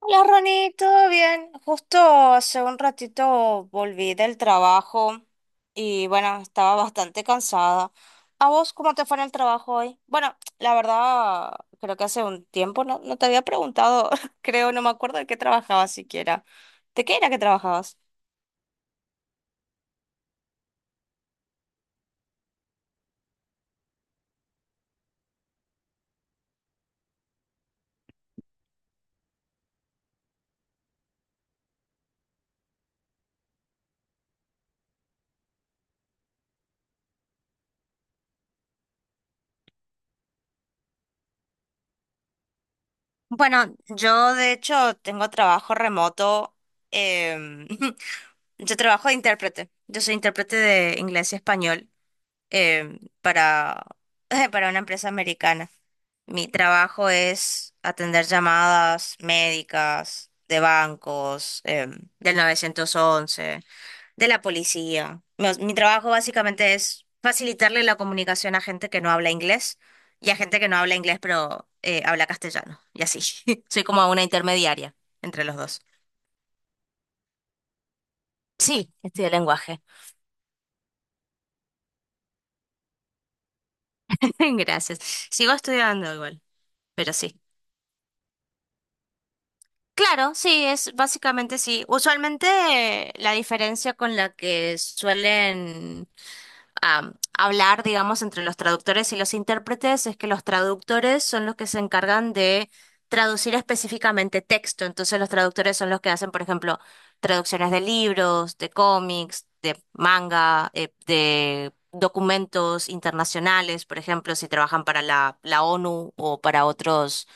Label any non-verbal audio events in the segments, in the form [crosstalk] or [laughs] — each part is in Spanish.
Hola Ronnie, ¿todo bien? Justo hace un ratito volví del trabajo y bueno, estaba bastante cansada. ¿A vos cómo te fue en el trabajo hoy? Bueno, la verdad, creo que hace un tiempo no te había preguntado, [laughs] creo, no me acuerdo de qué trabajabas siquiera. ¿De qué era que trabajabas? Bueno, yo de hecho tengo trabajo remoto. em, [laughs] yo trabajo de intérprete. Yo soy intérprete de inglés y español. Para, [laughs] para una empresa americana. Mi trabajo es atender llamadas médicas, de bancos, del 911, de la policía. Mi trabajo básicamente es facilitarle la comunicación a gente que no habla inglés y a gente que no habla inglés pero habla castellano. Y así. [laughs] Soy como una intermediaria entre los dos. Sí, estudio lenguaje. [laughs] Gracias. Sigo estudiando igual, pero sí. Claro, sí, es básicamente sí. Usualmente la diferencia con la que suelen hablar, digamos, entre los traductores y los intérpretes es que los traductores son los que se encargan de traducir específicamente texto. Entonces los traductores son los que hacen, por ejemplo, traducciones de libros, de cómics, de manga, de documentos internacionales, por ejemplo, si trabajan para la ONU o para otros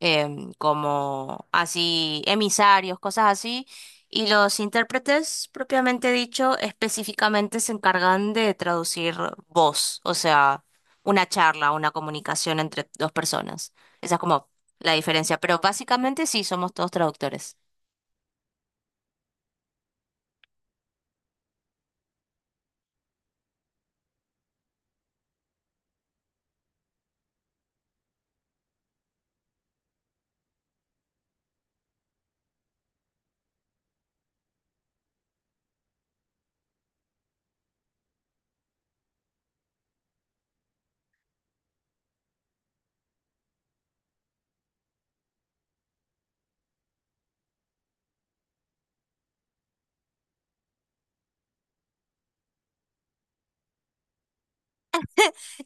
como así emisarios, cosas así, y los intérpretes, propiamente dicho, específicamente se encargan de traducir voz, o sea, una charla, una comunicación entre dos personas. Esa es como la diferencia, pero básicamente sí, somos todos traductores.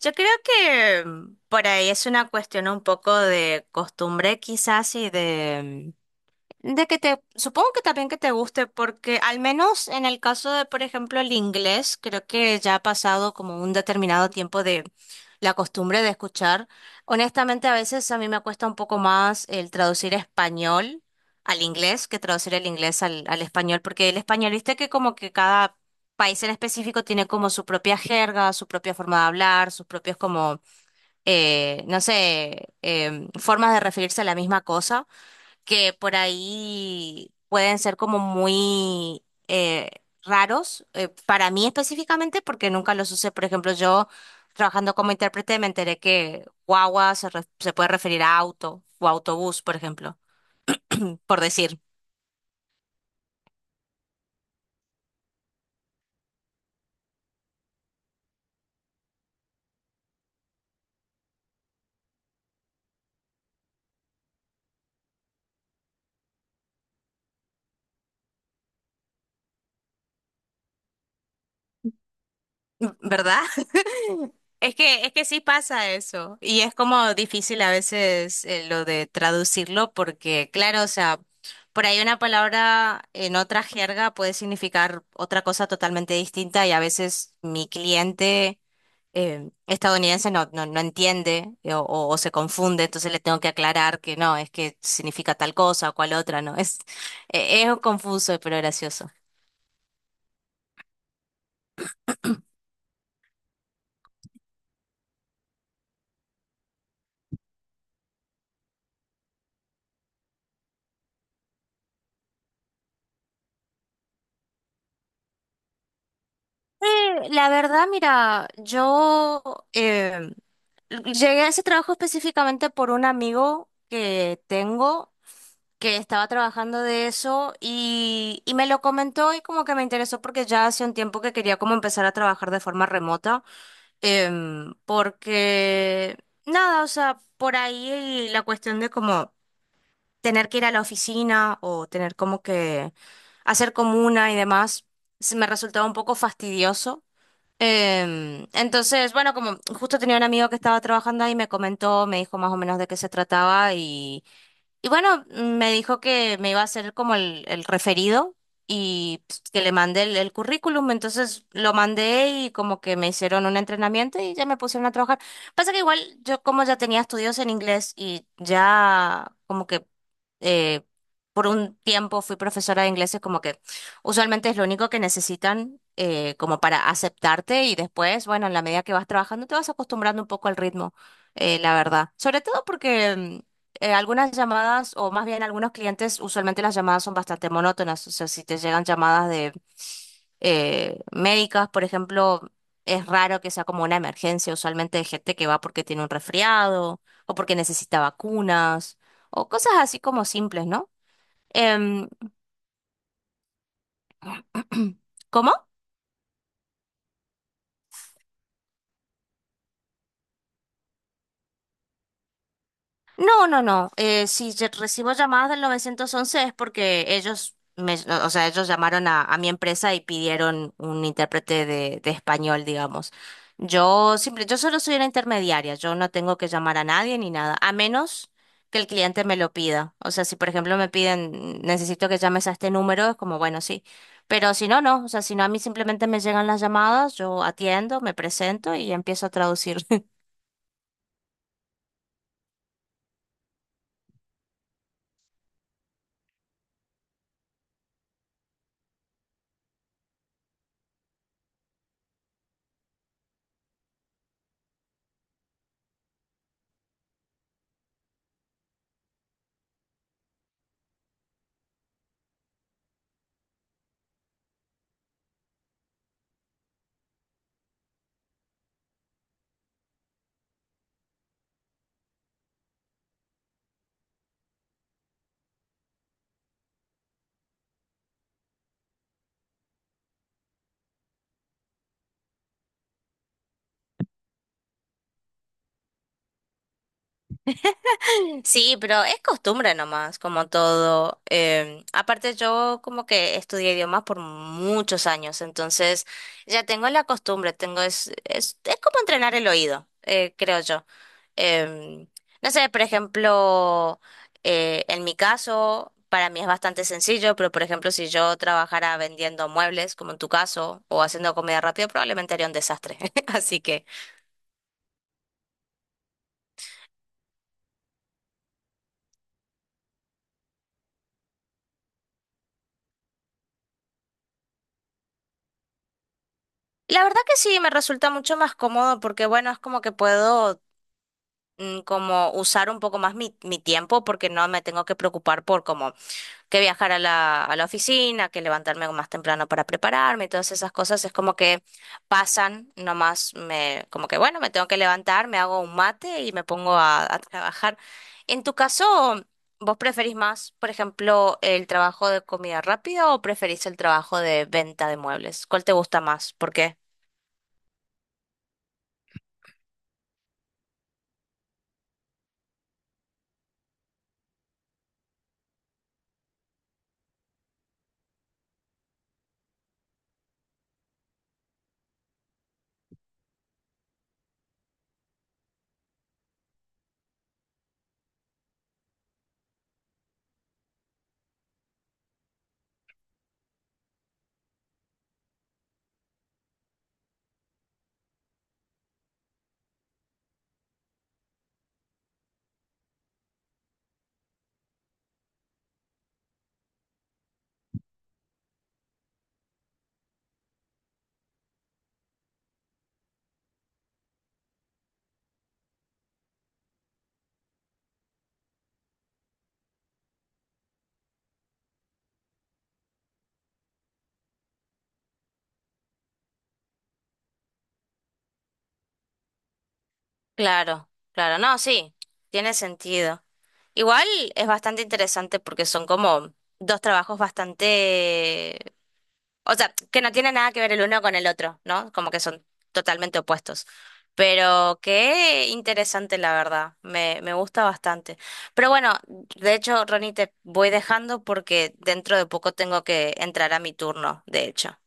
Yo creo que por ahí es una cuestión un poco de costumbre quizás y de... De que te, supongo que también que te guste, porque al menos en el caso de, por ejemplo, el inglés, creo que ya ha pasado como un determinado tiempo de la costumbre de escuchar. Honestamente, a veces a mí me cuesta un poco más el traducir español al inglés que traducir el inglés al, al español, porque el español, viste que como que cada país en específico tiene como su propia jerga, su propia forma de hablar, sus propios como, no sé, formas de referirse a la misma cosa que por ahí pueden ser como muy raros, para mí específicamente, porque nunca los usé. Por ejemplo, yo trabajando como intérprete me enteré que guagua se, re- se puede referir a auto o autobús, por ejemplo, por decir, ¿verdad? Es que sí pasa eso. Y es como difícil a veces lo de traducirlo porque, claro, o sea, por ahí una palabra en otra jerga puede significar otra cosa totalmente distinta y a veces mi cliente estadounidense no entiende o se confunde, entonces le tengo que aclarar que no, es que significa tal cosa o cual otra, ¿no? [laughs] Es confuso, pero gracioso. La verdad, mira, yo... Llegué a ese trabajo específicamente por un amigo que tengo que estaba trabajando de eso y me lo comentó y como que me interesó porque ya hace un tiempo que quería como empezar a trabajar de forma remota, porque nada, o sea, por ahí la cuestión de como tener que ir a la oficina o tener como que hacer comuna y demás, se me resultaba un poco fastidioso. Entonces, bueno, como justo tenía un amigo que estaba trabajando ahí, me comentó, me dijo más o menos de qué se trataba y bueno, me dijo que me iba a hacer como el referido y pues, que le mandé el currículum. Entonces lo mandé y como que me hicieron un entrenamiento y ya me pusieron a trabajar. Pasa que igual yo como ya tenía estudios en inglés y ya como que eh, por un tiempo fui profesora de inglés, es como que usualmente es lo único que necesitan como para aceptarte y después, bueno, en la medida que vas trabajando te vas acostumbrando un poco al ritmo, la verdad. Sobre todo porque algunas llamadas, o más bien algunos clientes, usualmente las llamadas son bastante monótonas. O sea, si te llegan llamadas de médicas, por ejemplo, es raro que sea como una emergencia. Usualmente hay gente que va porque tiene un resfriado, o porque necesita vacunas, o cosas así como simples, ¿no? Em, [clears throat] ¿cómo? No, no, no. Si yo recibo llamadas del 911 es porque ellos, me, o sea, ellos llamaron a mi empresa y pidieron un intérprete de español, digamos. Yo simple, yo solo soy una intermediaria. Yo no tengo que llamar a nadie ni nada, a menos que el cliente me lo pida. O sea, si por ejemplo me piden, necesito que llames a este número, es como, bueno, sí. Pero si no, no. O sea, si no, a mí simplemente me llegan las llamadas, yo atiendo, me presento y empiezo a traducir. Sí, pero es costumbre nomás, como todo. Aparte yo como que estudié idiomas por muchos años, entonces ya tengo la costumbre, tengo es como entrenar el oído, creo yo. Em, no sé, por ejemplo, en mi caso, para mí es bastante sencillo, pero por ejemplo, si yo trabajara vendiendo muebles, como en tu caso, o haciendo comida rápida, probablemente haría un desastre. [laughs] Así que... La verdad que sí, me resulta mucho más cómodo porque, bueno, es como que puedo como usar un poco más mi tiempo porque no me tengo que preocupar por como que viajar a la oficina, que levantarme más temprano para prepararme, y todas esas cosas es como que pasan, nomás me, como que bueno, me tengo que levantar, me hago un mate y me pongo a trabajar. En tu caso, ¿vos preferís más, por ejemplo, el trabajo de comida rápida o preferís el trabajo de venta de muebles? ¿Cuál te gusta más? ¿Por qué? Claro, claro, no, sí, tiene sentido. Igual es bastante interesante porque son como dos trabajos bastante, o sea, que no tienen nada que ver el uno con el otro, ¿no? Como que son totalmente opuestos. Pero qué interesante, la verdad, me gusta bastante. Pero bueno, de hecho, Ronnie, te voy dejando porque dentro de poco tengo que entrar a mi turno, de hecho.